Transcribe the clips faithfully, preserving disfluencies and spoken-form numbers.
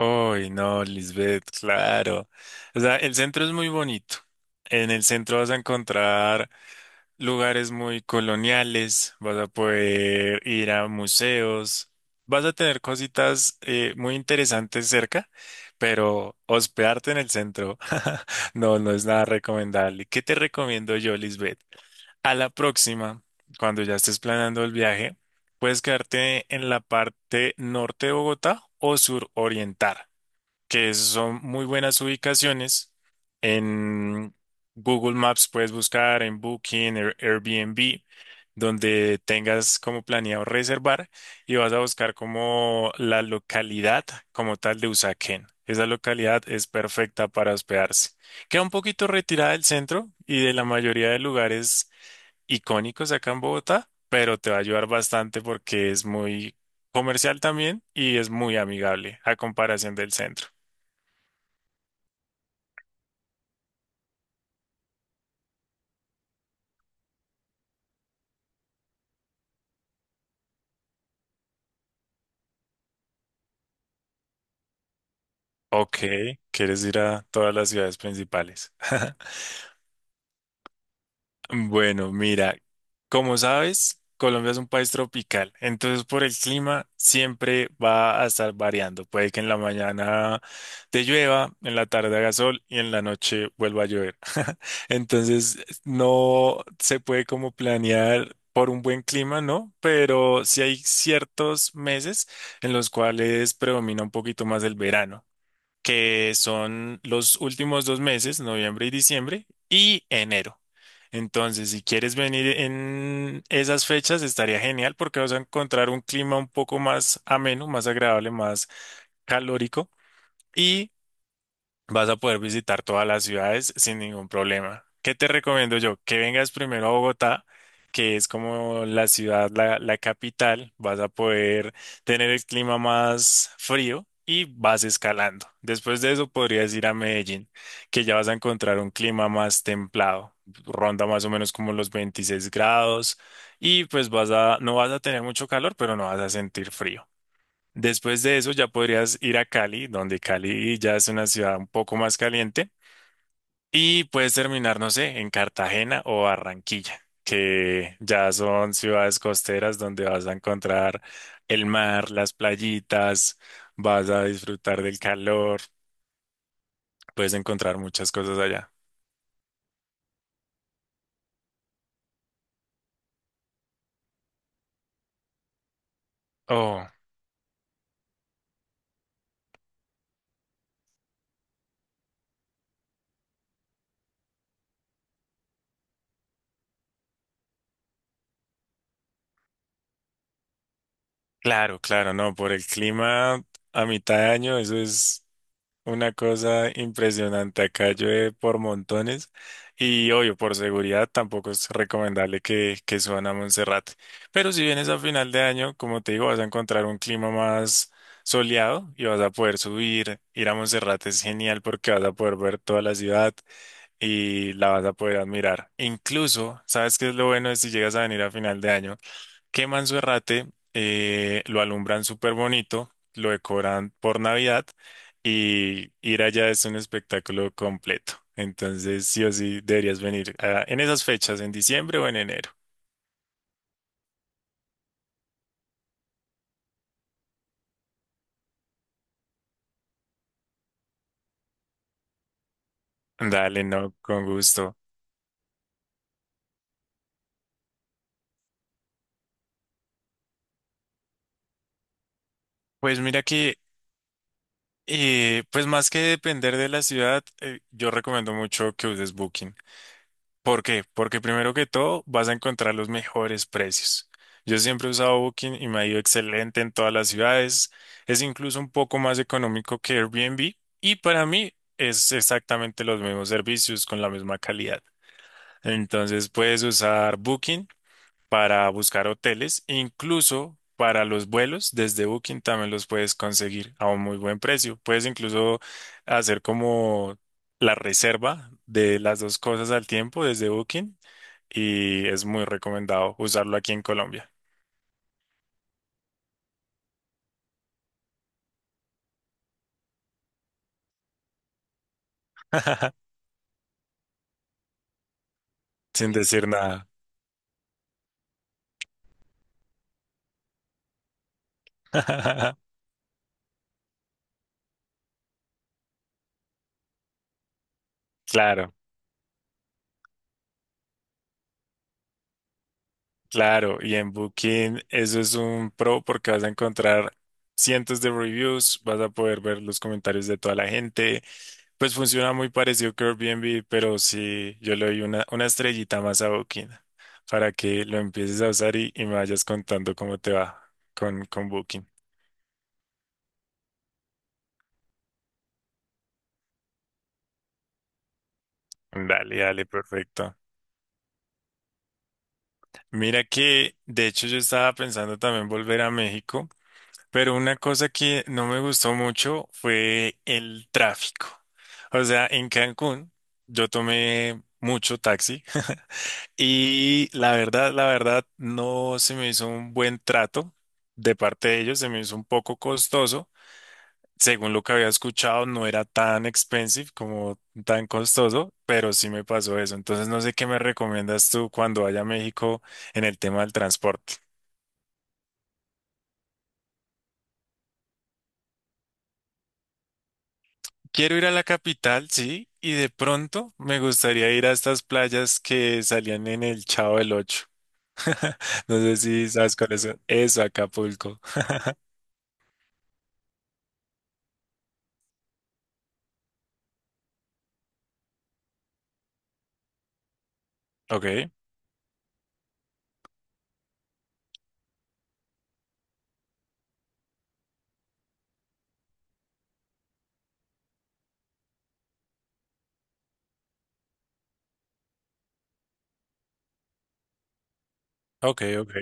Uy, no, Lisbeth, claro. O sea, el centro es muy bonito. En el centro vas a encontrar lugares muy coloniales, vas a poder ir a museos, vas a tener cositas eh, muy interesantes cerca, pero hospedarte en el centro no, no es nada recomendable. ¿Qué te recomiendo yo, Lisbeth? A la próxima, cuando ya estés planeando el viaje, puedes quedarte en la parte norte de Bogotá o suroriental que son muy buenas ubicaciones. En Google Maps puedes buscar en Booking, Air- Airbnb, donde tengas como planeado reservar y vas a buscar como la localidad como tal de Usaquén. Esa localidad es perfecta para hospedarse. Queda un poquito retirada del centro y de la mayoría de lugares icónicos acá en Bogotá, pero te va a ayudar bastante porque es muy comercial también y es muy amigable a comparación del centro. Ok, quieres ir a todas las ciudades principales. Bueno, mira, como sabes, Colombia es un país tropical, entonces por el clima siempre va a estar variando. Puede que en la mañana te llueva, en la tarde haga sol y en la noche vuelva a llover. Entonces no se puede como planear por un buen clima, ¿no? Pero sí hay ciertos meses en los cuales predomina un poquito más el verano que son los últimos dos meses, noviembre y diciembre, y enero. Entonces, si quieres venir en esas fechas, estaría genial porque vas a encontrar un clima un poco más ameno, más agradable, más calórico. Y vas a poder visitar todas las ciudades sin ningún problema. ¿Qué te recomiendo yo? Que vengas primero a Bogotá, que es como la ciudad, la, la capital. Vas a poder tener el clima más frío y vas escalando. Después de eso podrías ir a Medellín, que ya vas a encontrar un clima más templado. Ronda más o menos como los veintiséis grados y pues vas a, no vas a tener mucho calor, pero no vas a sentir frío. Después de eso ya podrías ir a Cali, donde Cali ya es una ciudad un poco más caliente, y puedes terminar, no sé, en Cartagena o Barranquilla, que ya son ciudades costeras donde vas a encontrar el mar, las playitas, vas a disfrutar del calor, puedes encontrar muchas cosas allá. Oh, claro, claro, no, por el clima a mitad de año, eso es una cosa impresionante. Acá llueve por montones y obvio, por seguridad tampoco es recomendable que, que suban a Monserrate. Pero si vienes a final de año, como te digo, vas a encontrar un clima más soleado y vas a poder subir. Ir a Monserrate es genial porque vas a poder ver toda la ciudad y la vas a poder admirar. Incluso, ¿sabes qué es lo bueno de si llegas a venir a final de año? Queman su errate, eh, lo alumbran súper bonito, lo decoran por Navidad y ir allá es un espectáculo completo. Entonces, sí o sí, deberías venir ah, en esas fechas, en diciembre o en enero. Dale, no, con gusto. Pues mira que, eh, pues más que depender de la ciudad, eh, yo recomiendo mucho que uses Booking. ¿Por qué? Porque primero que todo vas a encontrar los mejores precios. Yo siempre he usado Booking y me ha ido excelente en todas las ciudades. Es incluso un poco más económico que Airbnb y para mí es exactamente los mismos servicios con la misma calidad. Entonces puedes usar Booking para buscar hoteles, incluso para los vuelos desde Booking también los puedes conseguir a un muy buen precio. Puedes incluso hacer como la reserva de las dos cosas al tiempo desde Booking y es muy recomendado usarlo aquí en Colombia. Sin decir nada. Claro, claro. Y en Booking eso es un pro porque vas a encontrar cientos de reviews, vas a poder ver los comentarios de toda la gente. Pues funciona muy parecido que Airbnb, pero sí, yo le doy una, una estrellita más a Booking para que lo empieces a usar y, y me vayas contando cómo te va con, con Booking. Dale, dale, perfecto. Mira que, de hecho, yo estaba pensando también volver a México, pero una cosa que no me gustó mucho fue el tráfico. O sea, en Cancún yo tomé mucho taxi y la verdad, la verdad, no se me hizo un buen trato de parte de ellos, se me hizo un poco costoso según lo que había escuchado. No era tan expensive como tan costoso, pero sí me pasó eso. Entonces, no sé qué me recomiendas tú cuando vaya a México en el tema del transporte. Quiero ir a la capital, sí, y de pronto me gustaría ir a estas playas que salían en el Chavo del Ocho. No sé si sabes cuál es. Eso, Acapulco. Ok, ok, ok.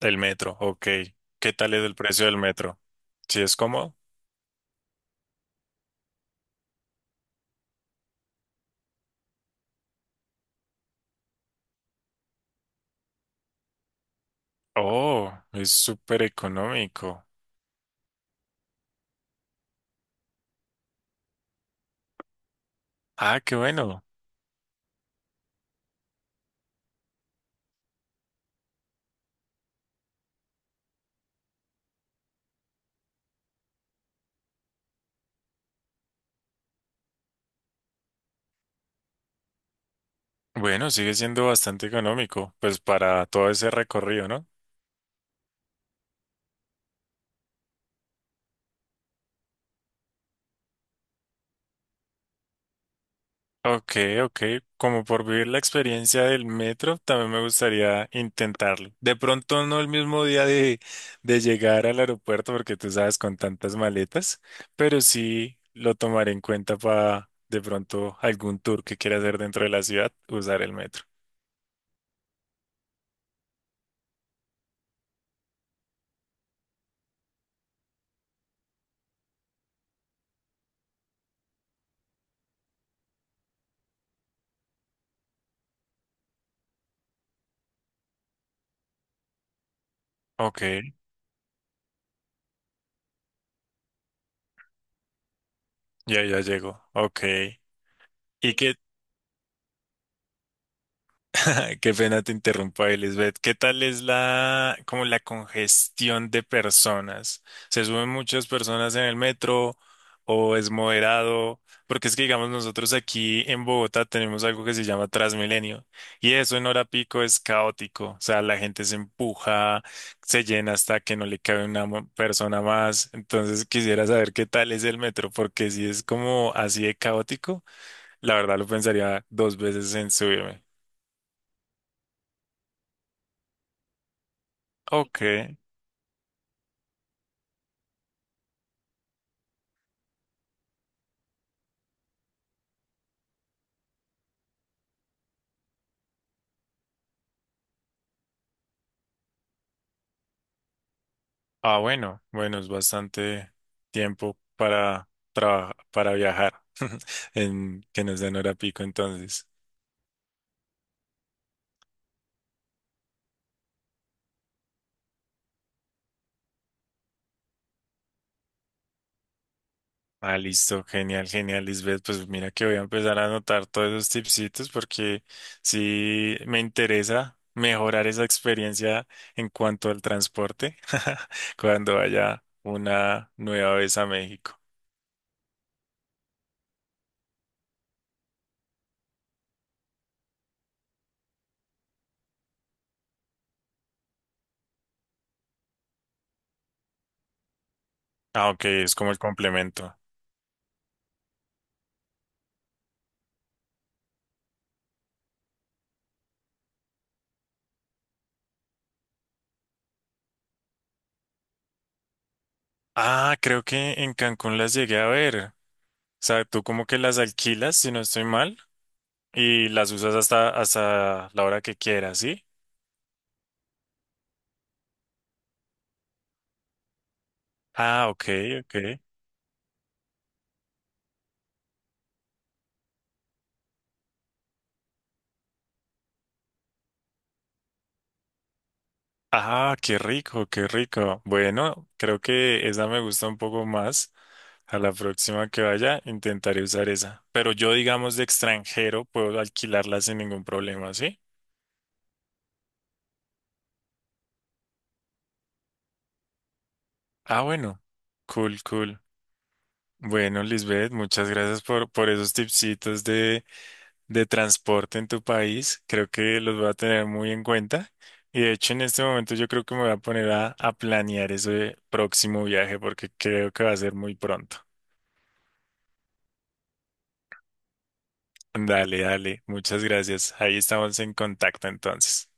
El metro, ok. ¿Qué tal es el precio del metro? ¿Sí es cómodo? Oh, es súper económico. Ah, qué bueno. Bueno, sigue siendo bastante económico, pues para todo ese recorrido, ¿no? Ok, ok. Como por vivir la experiencia del metro, también me gustaría intentarlo. De pronto no el mismo día de, de llegar al aeropuerto, porque tú sabes, con tantas maletas, pero sí lo tomaré en cuenta para de pronto algún tour que quiera hacer dentro de la ciudad, usar el metro. Ok, ya, ya llego. Ok. ¿Y qué, Qué pena te interrumpa, Elizabeth. ¿Qué tal es la, como la congestión de personas? ¿Se suben muchas personas en el metro o es moderado? Porque es que, digamos, nosotros aquí en Bogotá tenemos algo que se llama Transmilenio y eso en hora pico es caótico. O sea, la gente se empuja, se llena hasta que no le cabe una mo- persona más. Entonces quisiera saber qué tal es el metro, porque si es como así de caótico, la verdad lo pensaría dos veces en subirme. Ok. Ah, bueno, bueno, es bastante tiempo para traba- para viajar en que no sea en hora pico entonces. Ah, listo, genial, genial, Lisbeth. Pues mira que voy a empezar a anotar todos esos tipsitos porque sí me interesa mejorar esa experiencia en cuanto al transporte cuando vaya una nueva vez a México. Ah, ok, es como el complemento. Ah, creo que en Cancún las llegué a ver. O sea, tú como que las alquilas, si no estoy mal. Y las usas hasta, hasta la hora que quieras, ¿sí? Ah, ok, ok. Ah, qué rico, qué rico. Bueno, creo que esa me gusta un poco más. A la próxima que vaya, intentaré usar esa. Pero yo, digamos, de extranjero, puedo alquilarla sin ningún problema, ¿sí? Ah, bueno. Cool, cool. Bueno, Lisbeth, muchas gracias por, por esos tipsitos de de transporte en tu país. Creo que los voy a tener muy en cuenta. Y de hecho, en este momento yo creo que me voy a poner a, a planear ese próximo viaje porque creo que va a ser muy pronto. Dale, dale. Muchas gracias. Ahí estamos en contacto entonces.